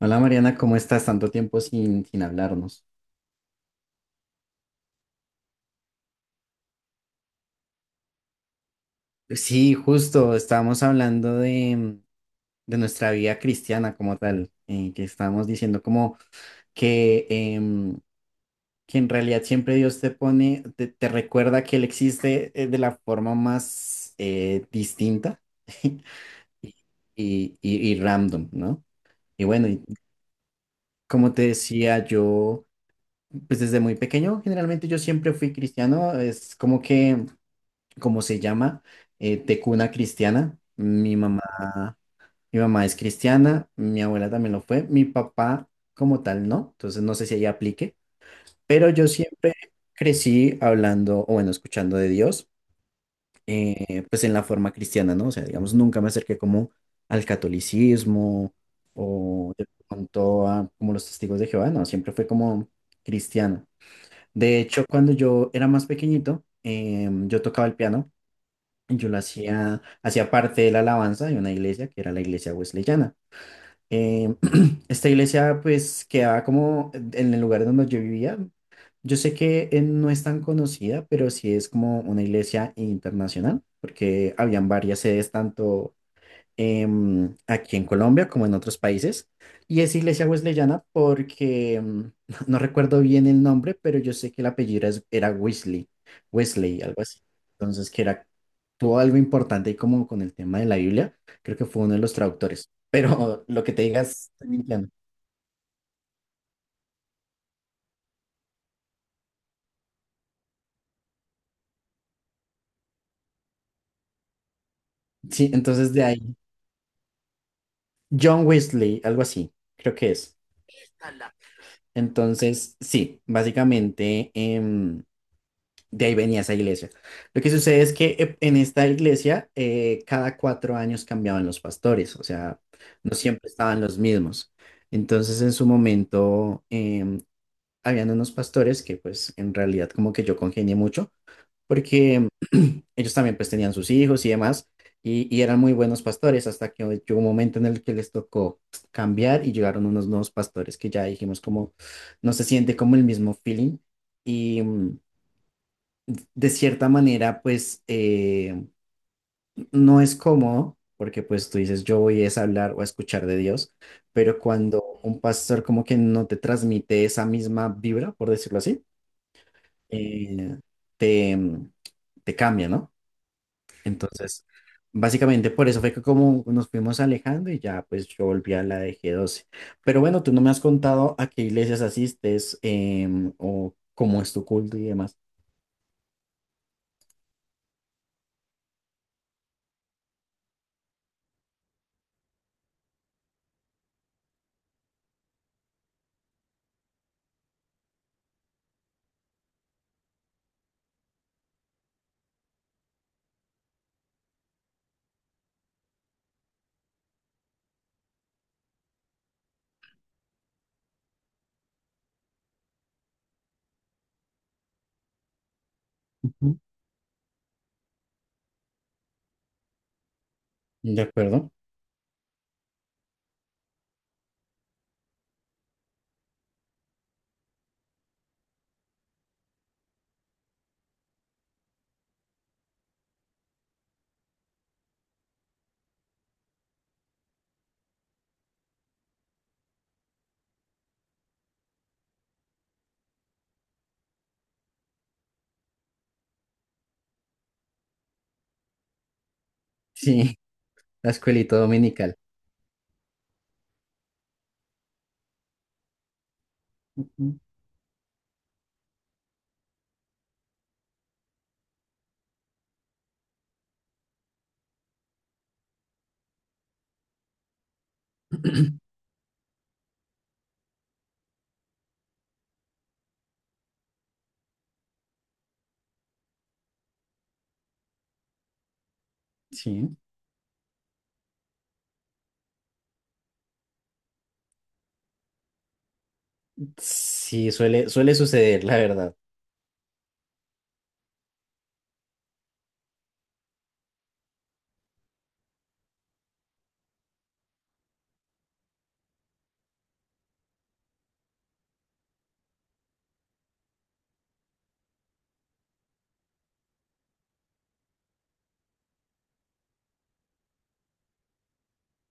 Hola Mariana, ¿cómo estás? Tanto tiempo sin hablarnos. Sí, justo, estábamos hablando de nuestra vida cristiana como tal, que estábamos diciendo como que que en realidad siempre Dios te recuerda que Él existe de la forma más distinta y, y random, ¿no? Y bueno, y como te decía, yo, pues desde muy pequeño, generalmente yo siempre fui cristiano, es como que... como se llama, tecuna cristiana. Mi mamá es cristiana, mi abuela también lo fue, mi papá como tal no, entonces no sé si ella aplique, pero yo siempre crecí hablando, o bueno, escuchando de Dios, pues en la forma cristiana, ¿no? O sea, digamos, nunca me acerqué como al catolicismo o de pronto a como los testigos de Jehová, no, siempre fue como cristiano. De hecho, cuando yo era más pequeñito, yo tocaba el piano, yo la hacía parte de la alabanza de una iglesia que era la iglesia wesleyana. Em, esta iglesia pues quedaba como en el lugar donde yo vivía. Yo sé que no es tan conocida, pero sí es como una iglesia internacional, porque habían varias sedes tanto aquí en Colombia como en otros países. Y es iglesia wesleyana porque no recuerdo bien el nombre, pero yo sé que el apellido era Wesley, Wesley, algo así. Entonces, que era, tuvo algo importante y como con el tema de la Biblia, creo que fue uno de los traductores. Pero lo que te digas, estoy mintiendo. Sí, entonces de ahí, John Wesley, algo así, creo que es. Entonces, sí, básicamente, de ahí venía esa iglesia. Lo que sucede es que en esta iglesia cada cuatro años cambiaban los pastores, o sea, no siempre estaban los mismos. Entonces en su momento habían unos pastores que pues en realidad como que yo congenié mucho porque ellos también pues tenían sus hijos y demás y eran muy buenos pastores hasta que llegó un momento en el que les tocó cambiar y llegaron unos nuevos pastores que ya dijimos como no se siente como el mismo feeling. Y, de cierta manera, pues no es cómodo, porque pues tú dices, yo voy es a hablar o a escuchar de Dios, pero cuando un pastor como que no te transmite esa misma vibra, por decirlo así, eh, te, te cambia, ¿no? Entonces, básicamente por eso fue que como nos fuimos alejando y ya pues yo volví a la de G12. Pero bueno, tú no me has contado a qué iglesias asistes, o cómo es tu culto y demás. Ujú. ¿De acuerdo? Sí, la escuelita dominical. Ujú. Sí, sí, suele, suele suceder, la verdad.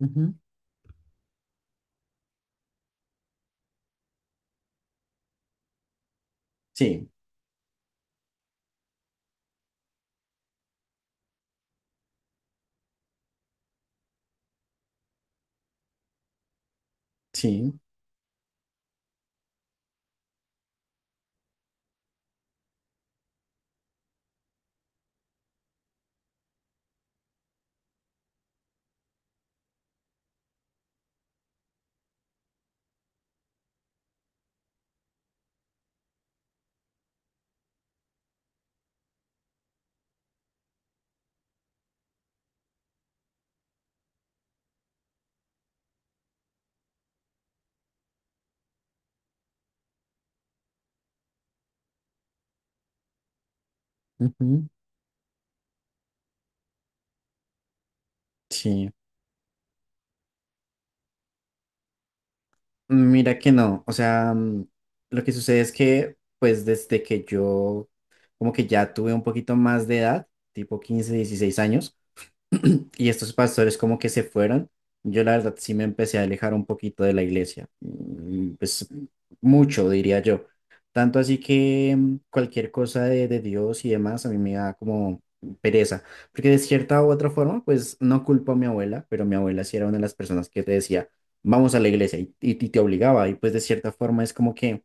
Ujú. Sí, sí, ujú, sí. Mira que no, o sea, lo que sucede es que, pues desde que yo como que ya tuve un poquito más de edad, tipo 15, 16 años, y estos pastores como que se fueron, yo la verdad sí me empecé a alejar un poquito de la iglesia, mm, pues mucho diría yo. Tanto así que cualquier cosa de Dios y demás a mí me da como pereza, porque de cierta u otra forma, pues no culpo a mi abuela, pero mi abuela sí era una de las personas que te decía, vamos a la iglesia y, y te obligaba, y pues de cierta forma es como que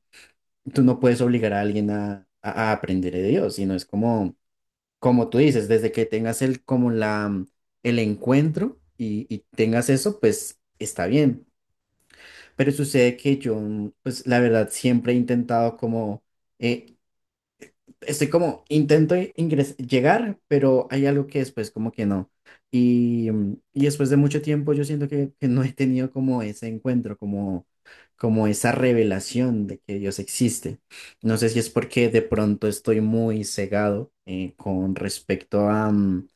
tú no puedes obligar a alguien a aprender de Dios, sino es como como tú dices, desde que tengas el, como la, mm, el encuentro y tengas eso, pues está bien. Pero sucede que yo, mm, pues la verdad, siempre he intentado como, eh, estoy como, llegar, pero hay algo que después como que no. Y, mm, y después de mucho tiempo yo siento que no he tenido como ese encuentro, como, como esa revelación de que Dios existe. No sé si es porque de pronto estoy muy cegado con respecto a... mm,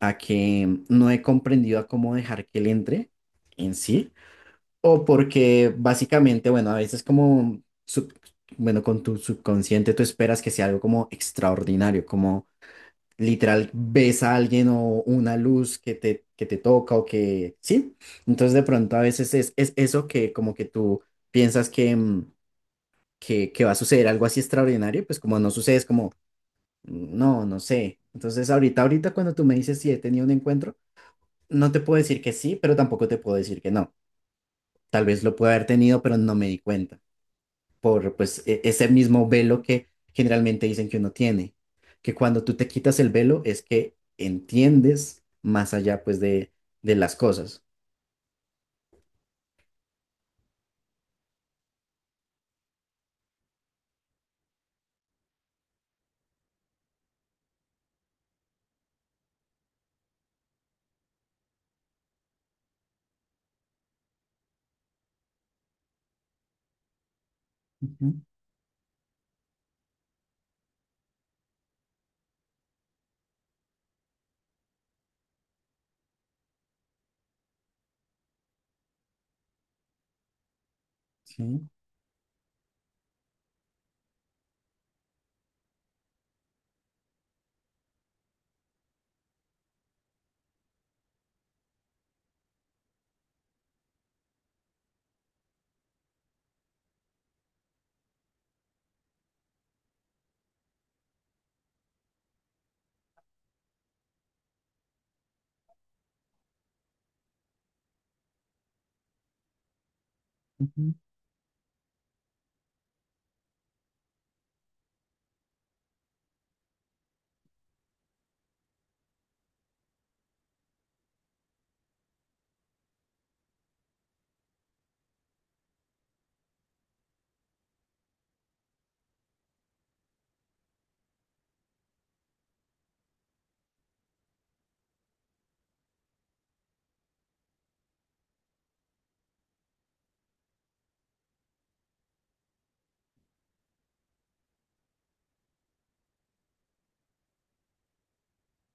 a que no he comprendido a cómo dejar que él entre en sí, o porque básicamente, bueno, a veces bueno, con tu subconsciente tú esperas que sea algo como extraordinario, como literal ves a alguien o una luz que te toca o que, sí, entonces de pronto a veces es eso que como que tú piensas que, que va a suceder algo así extraordinario, pues como no sucede es como, "Mm, no, no sé". Entonces ahorita, ahorita cuando tú me dices si he tenido un encuentro, no te puedo decir que sí, pero tampoco te puedo decir que no. Tal vez lo pueda haber tenido, pero no me di cuenta por pues ese mismo velo que generalmente dicen que uno tiene, que cuando tú te quitas el velo es que entiendes más allá pues de las cosas. Ujú. Sí. Ujú.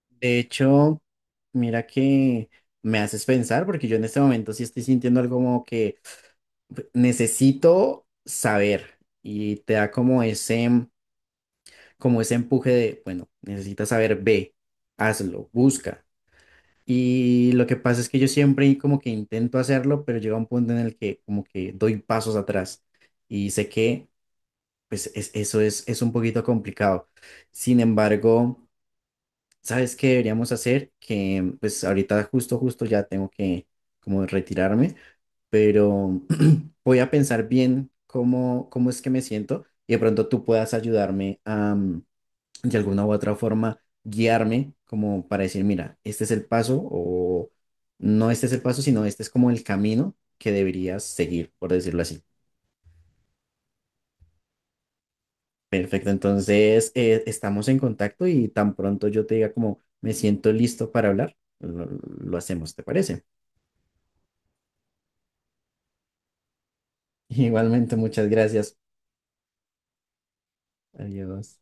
De hecho, mira que me haces pensar porque yo en este momento sí estoy sintiendo algo como que pues, necesito saber y te da como ese empuje de, bueno, necesitas saber, ve, hazlo, busca. Y lo que pasa es que yo siempre como que intento hacerlo, pero llega un punto en el que como que doy pasos atrás y sé que pues eso es un poquito complicado. Sin embargo, ¿sabes qué deberíamos hacer? Que pues ahorita justo, justo ya tengo que como retirarme, pero voy a pensar bien cómo, cómo es que me siento y de pronto tú puedas ayudarme de alguna u otra forma guiarme como para decir, mira, este es el paso o no, este es el paso, sino este es como el camino que deberías seguir, por decirlo así. Perfecto, entonces estamos en contacto y tan pronto yo te diga como me siento listo para hablar, lo hacemos, ¿te parece? Igualmente, muchas gracias. Adiós.